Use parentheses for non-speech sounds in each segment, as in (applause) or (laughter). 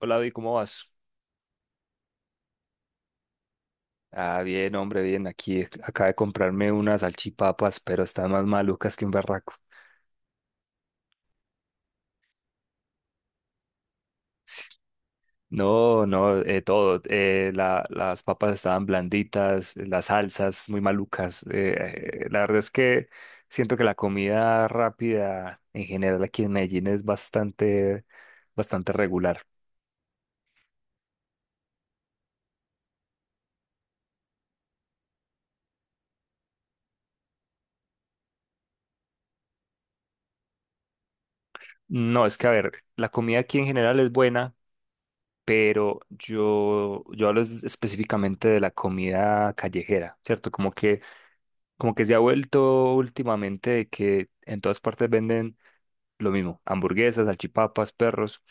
Hola, Vi, ¿cómo vas? Ah, bien, hombre, bien. Aquí acabo de comprarme unas salchipapas, pero están más malucas que un barraco. (laughs) No, no, todo. Las papas estaban blanditas, las salsas muy malucas. La verdad es que siento que la comida rápida en general aquí en Medellín es bastante, bastante regular. No, es que a ver, la comida aquí en general es buena, pero yo hablo específicamente de la comida callejera, ¿cierto? Como que se ha vuelto últimamente de que en todas partes venden lo mismo, hamburguesas, salchipapas, perros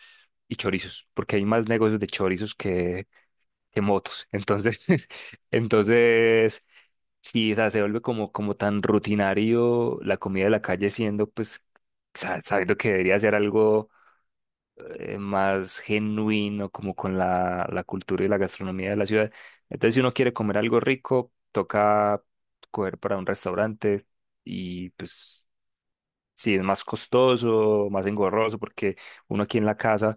y chorizos, porque hay más negocios de chorizos que motos. Entonces, (laughs) entonces, sí, o sea, se vuelve como tan rutinario la comida de la calle siendo, pues, sabiendo que debería ser algo más genuino como con la cultura y la gastronomía de la ciudad. Entonces, si uno quiere comer algo rico, toca coger para un restaurante, y pues si es más costoso, más engorroso, porque uno aquí en la casa,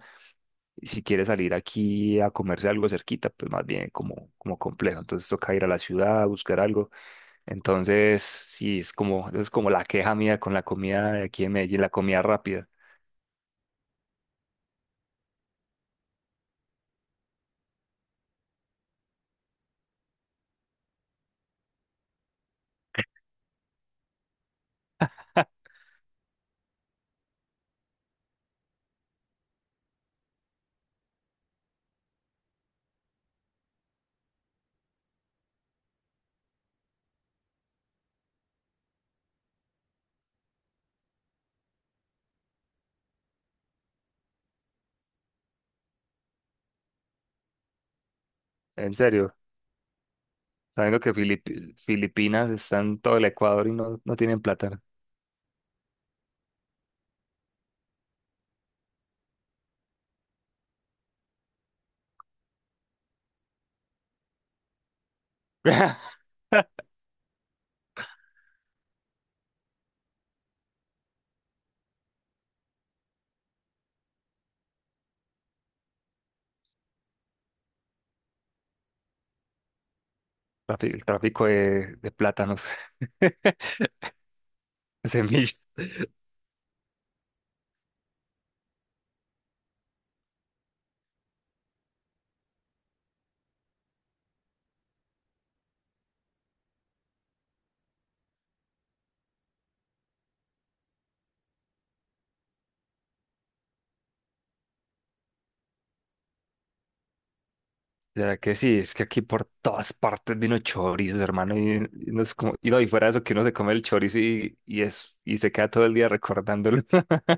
si quiere salir aquí a comerse algo cerquita, pues más bien como, como complejo. Entonces toca ir a la ciudad, a buscar algo. Entonces, sí, es como la queja mía con la comida de aquí en Medellín, la comida rápida. En serio. Sabiendo que Filipinas está en todo el Ecuador y no, no tienen plátano. (laughs) El tráfico de plátanos, (laughs) de semillas. Ya que sí, es que aquí por todas partes vino chorizo, hermano. Y no es como, y no, y fuera de eso que uno se come el chorizo y es, y se queda todo el día recordándolo. (laughs)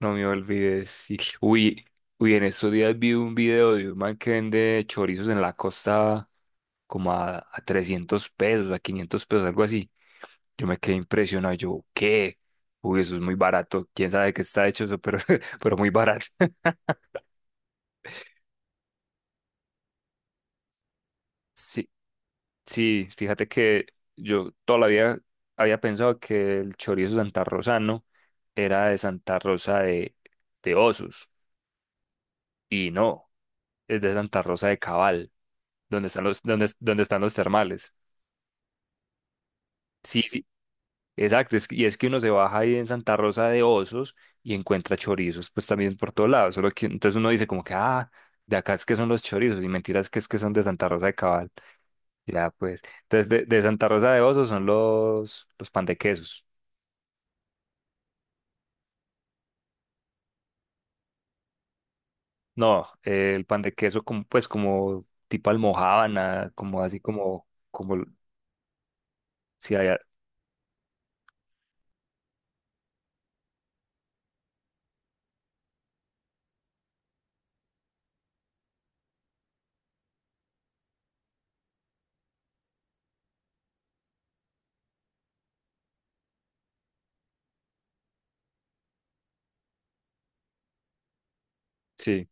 No me olvides. Sí. Uy, uy, en estos días vi un video de un man que vende chorizos en la costa como a 300 pesos, a 500 pesos, algo así. Yo me quedé impresionado. Yo, ¿qué? Uy, eso es muy barato. ¿Quién sabe de qué está hecho eso? Pero, (laughs) pero muy barato. (laughs) Sí, sí, fíjate que yo todavía había pensado que el chorizo santarrosano era de Santa Rosa de Osos. Y no, es de Santa Rosa de Cabal. Donde están los termales. Sí, sí, exacto. Y es que uno se baja ahí en Santa Rosa de Osos y encuentra chorizos, pues también por todos lados. Solo que entonces uno dice como que, ah, de acá es que son los chorizos, y mentiras que es que son de Santa Rosa de Cabal. Ya, pues. Entonces, de Santa Rosa de Osos son los pan de quesos. No, el pan de queso como, pues como tipo almojábana, como así como si hay sí,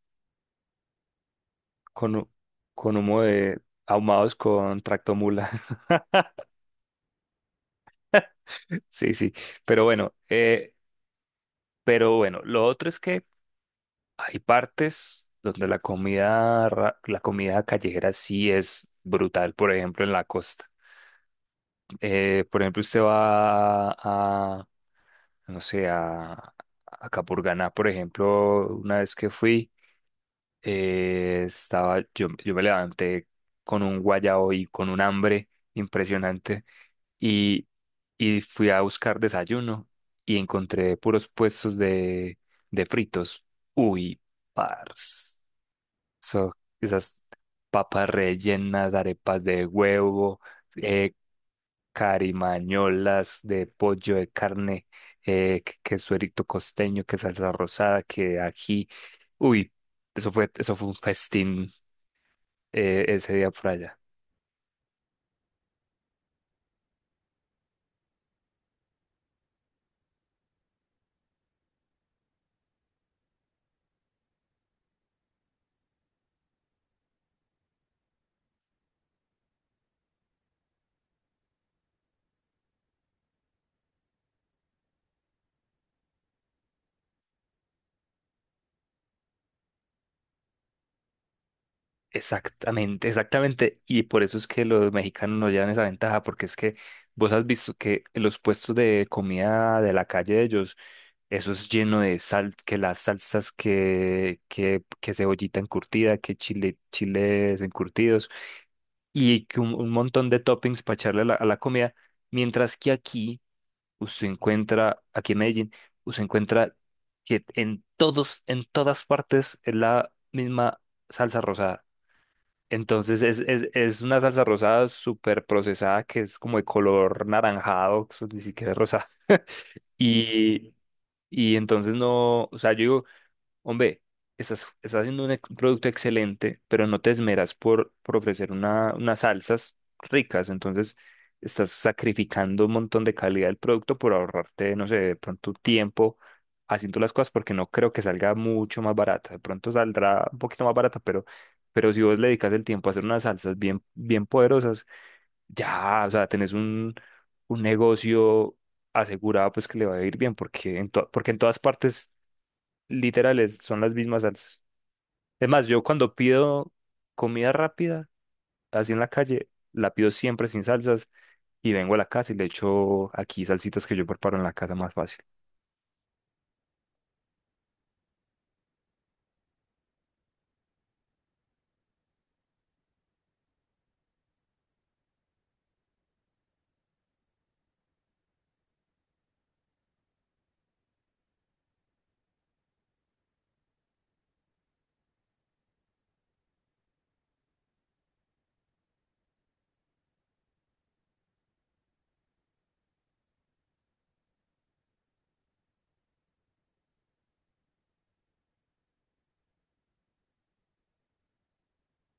con, hu- con humo de ahumados con tractomula. (laughs) Sí, sí, pero bueno, lo otro es que hay partes donde la comida callejera sí es brutal, por ejemplo, en la costa. Por ejemplo, usted va a, no sé, a Capurganá, por ejemplo, una vez que fui, estaba, yo me levanté con un guayao y con un hambre impresionante, y, y fui a buscar desayuno y encontré puros puestos de fritos. Uy, pars. So, esas papas rellenas, arepas de huevo, eh, carimañolas de pollo, de carne, que suerito costeño, que salsa rosada, que ají. Uy, eso fue un festín ese día por allá. Exactamente, exactamente. Y por eso es que los mexicanos nos llevan esa ventaja, porque es que vos has visto que los puestos de comida de la calle de ellos, eso es lleno de sal, que las salsas, que cebollita encurtida, que chile, chiles encurtidos y que un montón de toppings para echarle a a la comida. Mientras que aquí, usted encuentra, aquí en Medellín, usted encuentra que en todas partes es la misma salsa rosada. Entonces es una salsa rosada súper procesada que es como de color naranjado, eso ni siquiera es rosada. Y, y entonces no, o sea, yo digo, hombre, estás haciendo un producto excelente, pero no te esmeras por ofrecer unas salsas ricas, entonces estás sacrificando un montón de calidad del producto por ahorrarte, no sé, de pronto tiempo haciendo las cosas, porque no creo que salga mucho más barata. De pronto saldrá un poquito más barata, pero, si vos le dedicas el tiempo a hacer unas salsas bien, bien poderosas, ya, o sea, tenés un negocio asegurado pues que le va a ir bien, porque porque en todas partes literales, son las mismas salsas. Es más, yo cuando pido comida rápida, así en la calle, la pido siempre sin salsas y vengo a la casa y le echo aquí salsitas que yo preparo en la casa más fácil.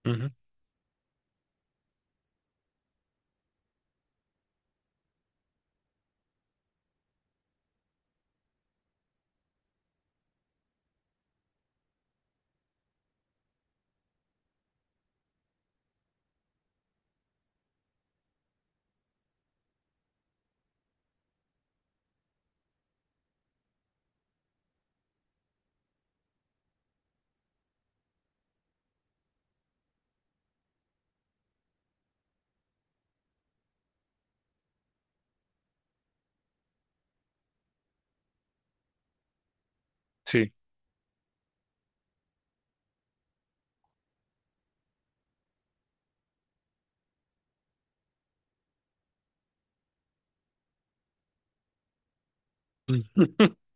Ujú. Sí. (laughs)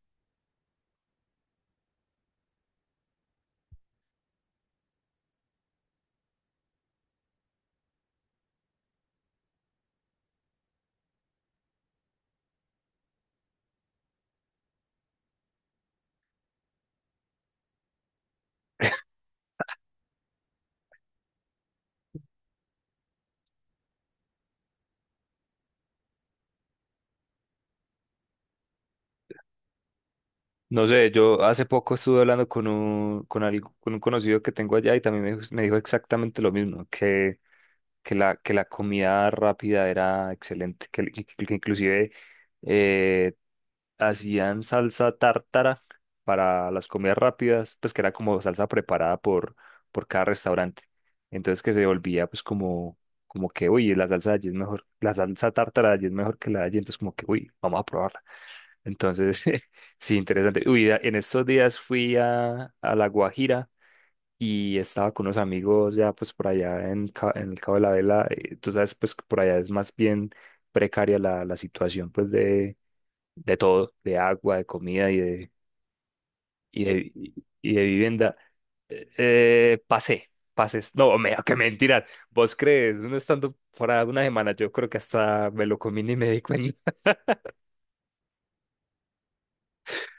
No sé, yo hace poco estuve hablando con un conocido que tengo allá y también me dijo exactamente lo mismo, que, que la comida rápida era excelente, que, que inclusive eh, hacían salsa tártara para las comidas rápidas, pues que era como salsa preparada por cada restaurante. Entonces que se volvía pues como, como que, uy, la salsa de allí es mejor, la salsa tártara de allí es mejor que la de allí, entonces como que, uy, vamos a probarla. Entonces, (laughs) sí, interesante. Uy, en estos días fui a La Guajira. Y estaba con unos amigos ya pues por allá en el Cabo de la Vela. Tú sabes pues que por allá es más bien precaria la situación pues de todo, de agua, de comida y de, y de vivienda. Pasé, pases. No, me, (laughs) qué mentira. ¿Vos crees? Uno estando fuera una semana, yo creo que hasta me lo comí ni me di cuenta. (laughs)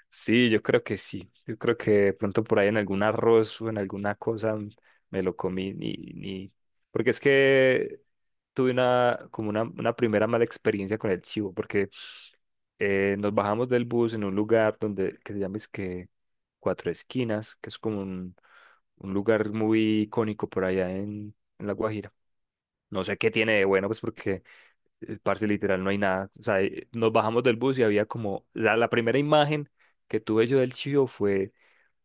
Sí, yo creo que sí. Yo creo que de pronto por ahí en algún arroz o en alguna cosa me lo comí ni, ni... Porque es que tuve una primera mala experiencia con el chivo, porque nos bajamos del bus en un lugar donde, que se llama es que Cuatro Esquinas, que es como un lugar muy icónico por allá en La Guajira. No sé qué tiene de bueno, pues porque, parce, literal, no hay nada. O sea, nos bajamos del bus y había como, la primera imagen que tuve yo del Chío fue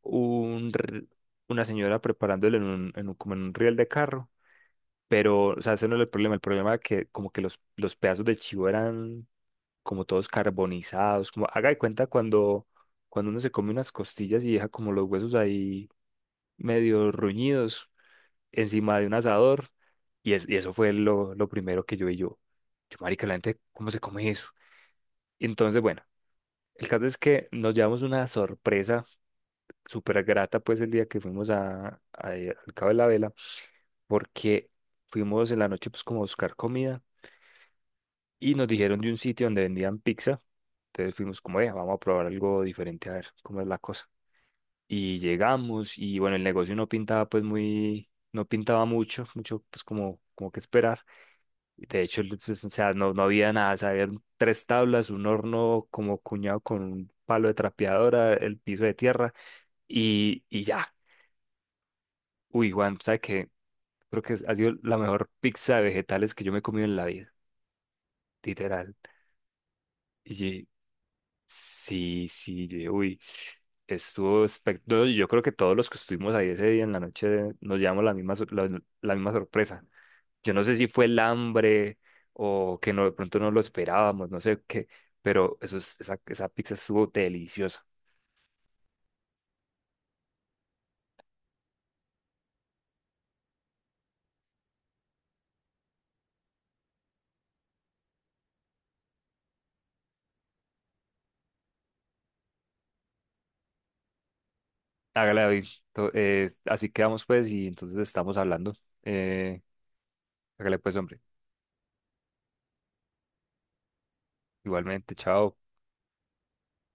un, r- una señora preparándole como en un riel de carro. Pero, o sea, ese no era el problema. El problema era que como que los, pedazos de chivo eran como todos carbonizados, como haga de cuenta cuando, uno se come unas costillas y deja como los huesos ahí medio ruñidos encima de un asador. Y, es, y eso fue lo, primero que yo y yo. Yo, marica, la gente, ¿cómo se come eso? Entonces, bueno, el caso es que nos llevamos una sorpresa súper grata, pues, el día que fuimos al Cabo de la Vela, porque fuimos en la noche, pues, como a buscar comida y nos dijeron de un sitio donde vendían pizza. Entonces fuimos como, vea, vamos a probar algo diferente a ver cómo es la cosa. Y llegamos y bueno, el negocio no pintaba pues muy, no pintaba mucho, mucho pues como, como que esperar. De hecho, el- pues, o sea, no, no había nada, o sea, habían tres tablas, un horno como cuñado con un palo de trapeadora, el piso de tierra y ya. Uy, Juan, ¿sabes qué? Creo que ha sido la mejor pizza de vegetales que yo me he comido en la vida, literal. Sí, sí, yo dije, uy, estuvo espectacular. Yo creo que todos los que estuvimos ahí ese día en la noche nos llevamos la misma, la misma sorpresa. Yo no sé si fue el hambre o que no, de pronto no lo esperábamos, no sé qué, pero eso es- esa pizza estuvo deliciosa. Hágale, David. Así quedamos pues y entonces estamos hablando. Eh, Hágale pues, hombre. Igualmente, chao.